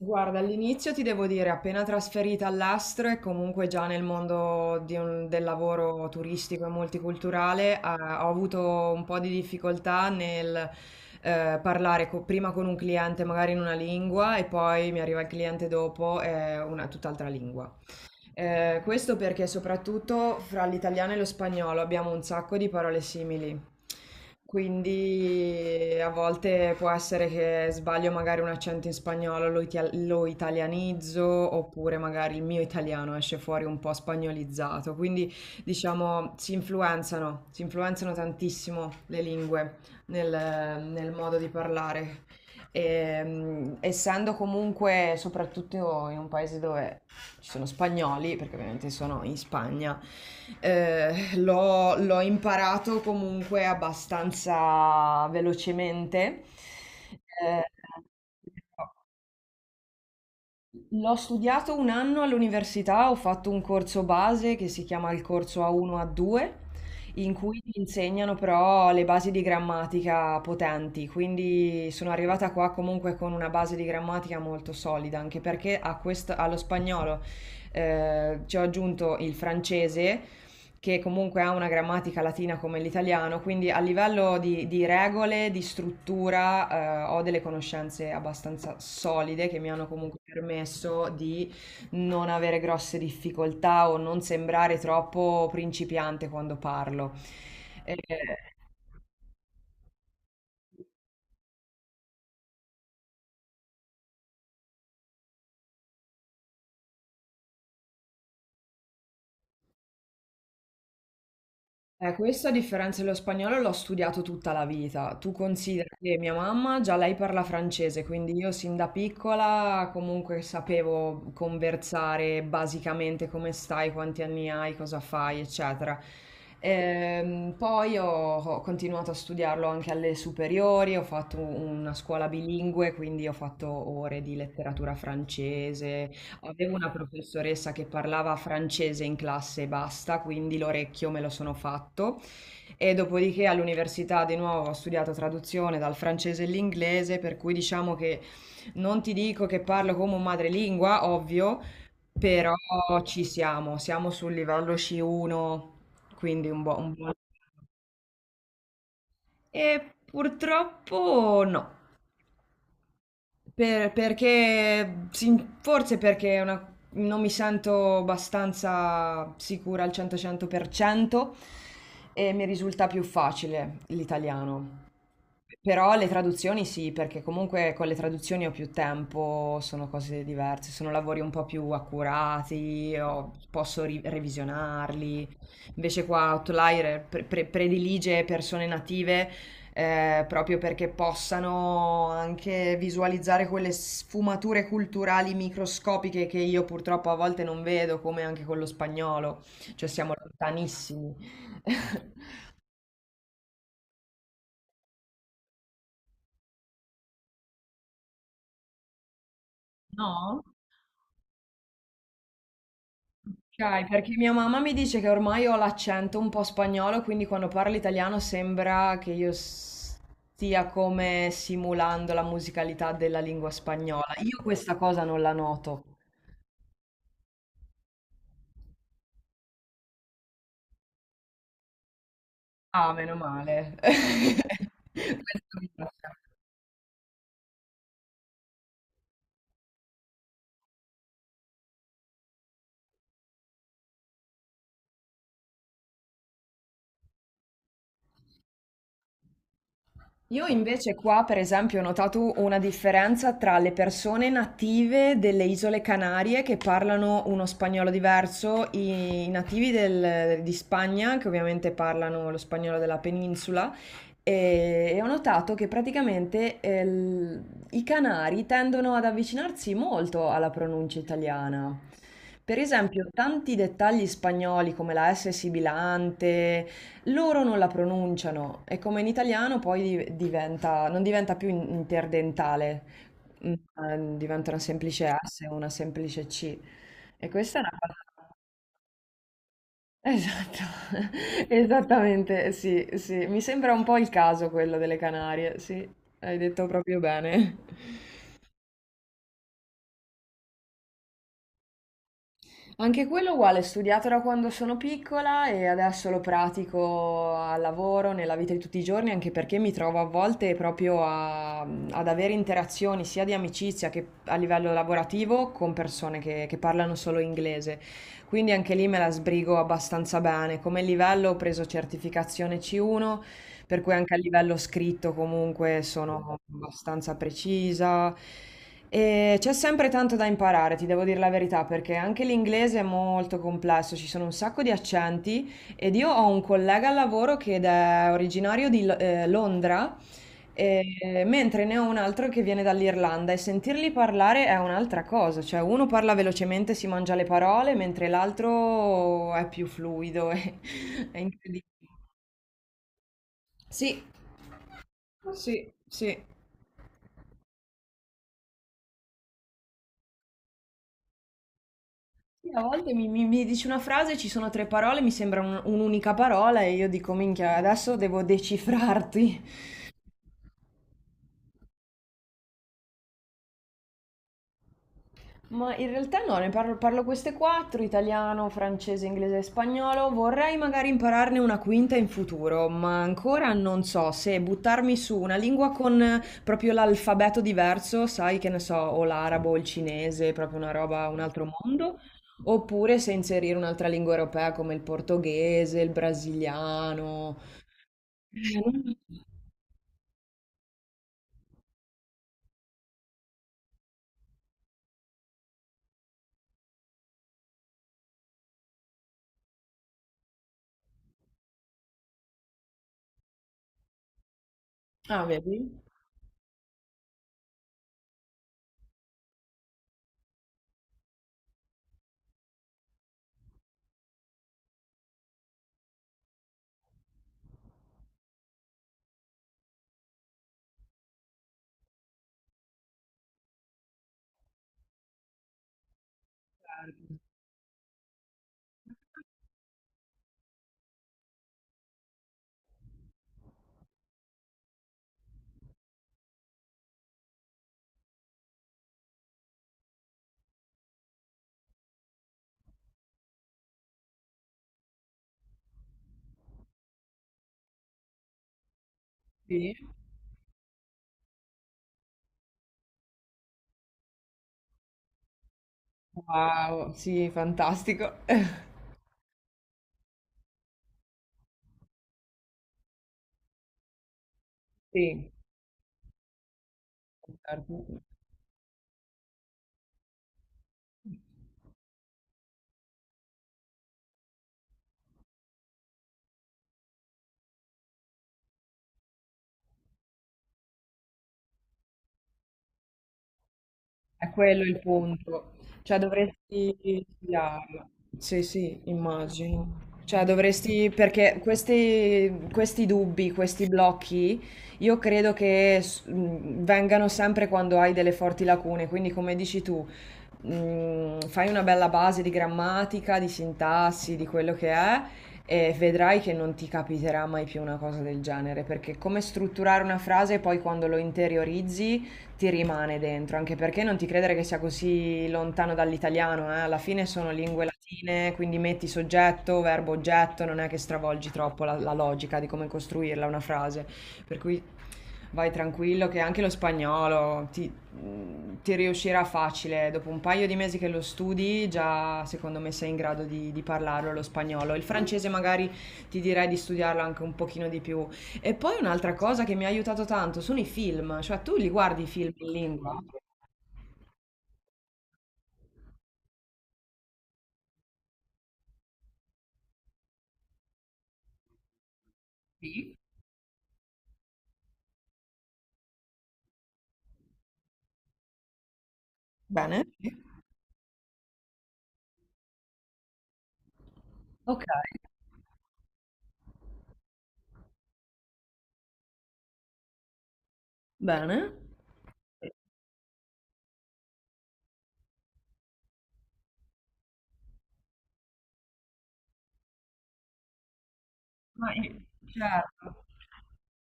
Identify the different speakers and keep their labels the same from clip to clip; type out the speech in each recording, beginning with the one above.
Speaker 1: Guarda, all'inizio ti devo dire, appena trasferita all'Astro e comunque già nel mondo del lavoro turistico e multiculturale, ho avuto un po' di difficoltà nel parlare prima con un cliente magari in una lingua e poi mi arriva il cliente dopo e una tutt'altra lingua. Questo perché soprattutto fra l'italiano e lo spagnolo abbiamo un sacco di parole simili, quindi a volte può essere che sbaglio magari un accento in spagnolo, lo italianizzo, oppure magari il mio italiano esce fuori un po' spagnolizzato, quindi diciamo si influenzano tantissimo le lingue nel nel modo di parlare. E, essendo comunque, soprattutto in un paese dove ci sono spagnoli, perché ovviamente sono in Spagna, l'ho imparato comunque abbastanza velocemente. Eh, L'ho studiato un anno all'università, ho fatto un corso base che si chiama il corso A1 A2, in cui ti insegnano però le basi di grammatica potenti, quindi sono arrivata qua comunque con una base di grammatica molto solida, anche perché allo spagnolo ci ho aggiunto il francese che comunque ha una grammatica latina come l'italiano, quindi a livello di regole, di struttura, ho delle conoscenze abbastanza solide che mi hanno comunque permesso di non avere grosse difficoltà o non sembrare troppo principiante quando parlo. Eh, Questo a differenza dello spagnolo l'ho studiato tutta la vita. Tu considera che mia mamma già lei parla francese, quindi io sin da piccola comunque sapevo conversare basicamente come stai, quanti anni hai, cosa fai, eccetera. Poi ho continuato a studiarlo anche alle superiori, ho fatto una scuola bilingue, quindi ho fatto ore di letteratura francese. Avevo una professoressa che parlava francese in classe e basta, quindi l'orecchio me lo sono fatto e dopodiché all'università di nuovo ho studiato traduzione dal francese all'inglese, per cui diciamo che non ti dico che parlo come un madrelingua, ovvio, però ci siamo, siamo sul livello C1, quindi un buon- E purtroppo no. Perché sin forse perché è una, non mi sento abbastanza sicura al 100, 100% e mi risulta più facile l'italiano. Però le traduzioni sì, perché comunque con le traduzioni ho più tempo, sono cose diverse, sono lavori un po' più accurati, posso revisionarli. Invece qua Outlier predilige persone native proprio perché possano anche visualizzare quelle sfumature culturali microscopiche che io purtroppo a volte non vedo, come anche con lo spagnolo, cioè siamo lontanissimi. No? Ok, perché mia mamma mi dice che ormai ho l'accento un po' spagnolo, quindi quando parlo italiano sembra che io stia come simulando la musicalità della lingua spagnola. Io questa cosa non la noto. Ah, meno male. Questo mi piace. Io invece qua, per esempio, ho notato una differenza tra le persone native delle Isole Canarie che parlano uno spagnolo diverso, i nativi di Spagna che ovviamente parlano lo spagnolo della penisola e ho notato che praticamente i canari tendono ad avvicinarsi molto alla pronuncia italiana. Per esempio, tanti dettagli spagnoli come la S sibilante, loro non la pronunciano e come in italiano poi diventa, non diventa più interdentale, diventa una semplice S o una semplice C. E questa è una cosa... Esatto, esattamente, sì, sì. Mi sembra un po' il caso quello delle Canarie, sì, hai detto proprio bene. Anche quello uguale, studiato da quando sono piccola e adesso lo pratico al lavoro, nella vita di tutti i giorni, anche perché mi trovo a volte proprio ad avere interazioni sia di amicizia che a livello lavorativo con persone che parlano solo inglese. Quindi anche lì me la sbrigo abbastanza bene. Come livello ho preso certificazione C1 per cui anche a livello scritto comunque sono abbastanza precisa. E c'è sempre tanto da imparare, ti devo dire la verità, perché anche l'inglese è molto complesso, ci sono un sacco di accenti ed io ho un collega al lavoro che ed è originario di Londra, mentre ne ho un altro che viene dall'Irlanda e sentirli parlare è un'altra cosa, cioè uno parla velocemente, si mangia le parole, mentre l'altro è più fluido, è incredibile. Sì, sì, sì. Sì, a volte mi dici una frase, ci sono tre parole, mi sembra un'unica parola e io dico, minchia, adesso devo decifrarti. Ma in realtà no, ne parlo, parlo queste quattro, italiano, francese, inglese e spagnolo. Vorrei magari impararne una quinta in futuro, ma ancora non so se buttarmi su una lingua con proprio l'alfabeto diverso, sai che ne so, o l'arabo o il cinese, proprio una roba, un altro mondo, oppure se inserire un'altra lingua europea come il portoghese, il brasiliano. Eh, non- Ah, vedi? Sì. Wow, sì, fantastico. Sì, certo. È quello il punto. Cioè dovresti studiarlo. Sì, sì, immagino. Cioè dovresti, perché questi dubbi, questi blocchi, io credo che vengano sempre quando hai delle forti lacune. Quindi come dici tu, fai una bella base di grammatica, di sintassi, di quello che è, e vedrai che non ti capiterà mai più una cosa del genere, perché come strutturare una frase poi quando lo interiorizzi ti rimane dentro, anche perché non ti credere che sia così lontano dall'italiano, eh? Alla fine sono lingue latine, quindi metti soggetto, verbo, oggetto, non è che stravolgi troppo la logica di come costruirla una frase, per cui vai tranquillo che anche lo spagnolo ti riuscirà facile. Dopo un paio di mesi che lo studi, già secondo me sei in grado di parlarlo lo spagnolo. Il francese magari ti direi di studiarlo anche un pochino di più. E poi un'altra cosa che mi ha aiutato tanto sono i film, cioè tu li guardi i film in lingua? Bene. Ok, bene. Ma in- certo.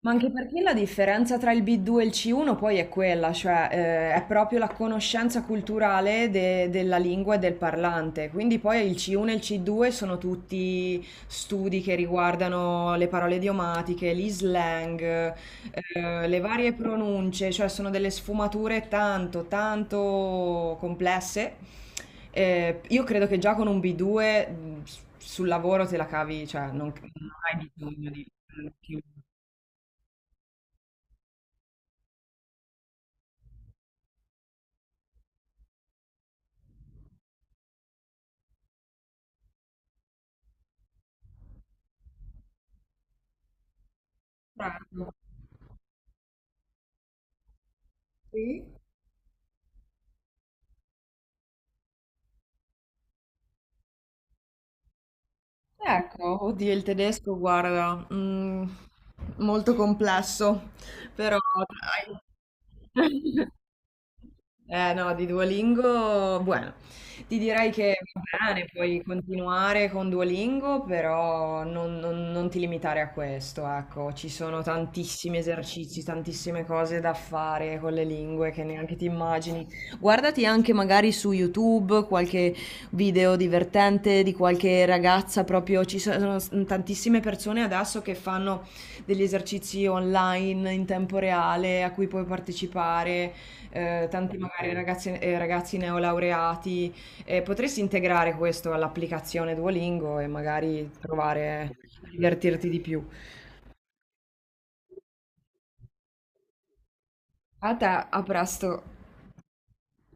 Speaker 1: Ma anche perché la differenza tra il B2 e il C1 poi è quella, cioè è proprio la conoscenza culturale della lingua e del parlante. Quindi poi il C1 e il C2 sono tutti studi che riguardano le parole idiomatiche, gli slang, le varie pronunce, cioè sono delle sfumature tanto, tanto complesse. Io credo che già con un B2 sul lavoro te la cavi, cioè non hai bisogno di. Bravo. Sì. Ecco, oddio, il tedesco, guarda, molto complesso, però dai. Eh no, di Duolingo, bueno, ti direi che va bene, puoi continuare con Duolingo, però non ti limitare a questo, ecco, ci sono tantissimi esercizi, tantissime cose da fare con le lingue che neanche ti immagini. Guardati anche magari su YouTube qualche video divertente di qualche ragazza, proprio ci sono tantissime persone adesso che fanno degli esercizi online in tempo reale a cui puoi partecipare, tanti magari ragazzi, ragazzi neolaureati. Potresti integrare questo all'applicazione Duolingo e magari provare a divertirti di più. A te, a presto.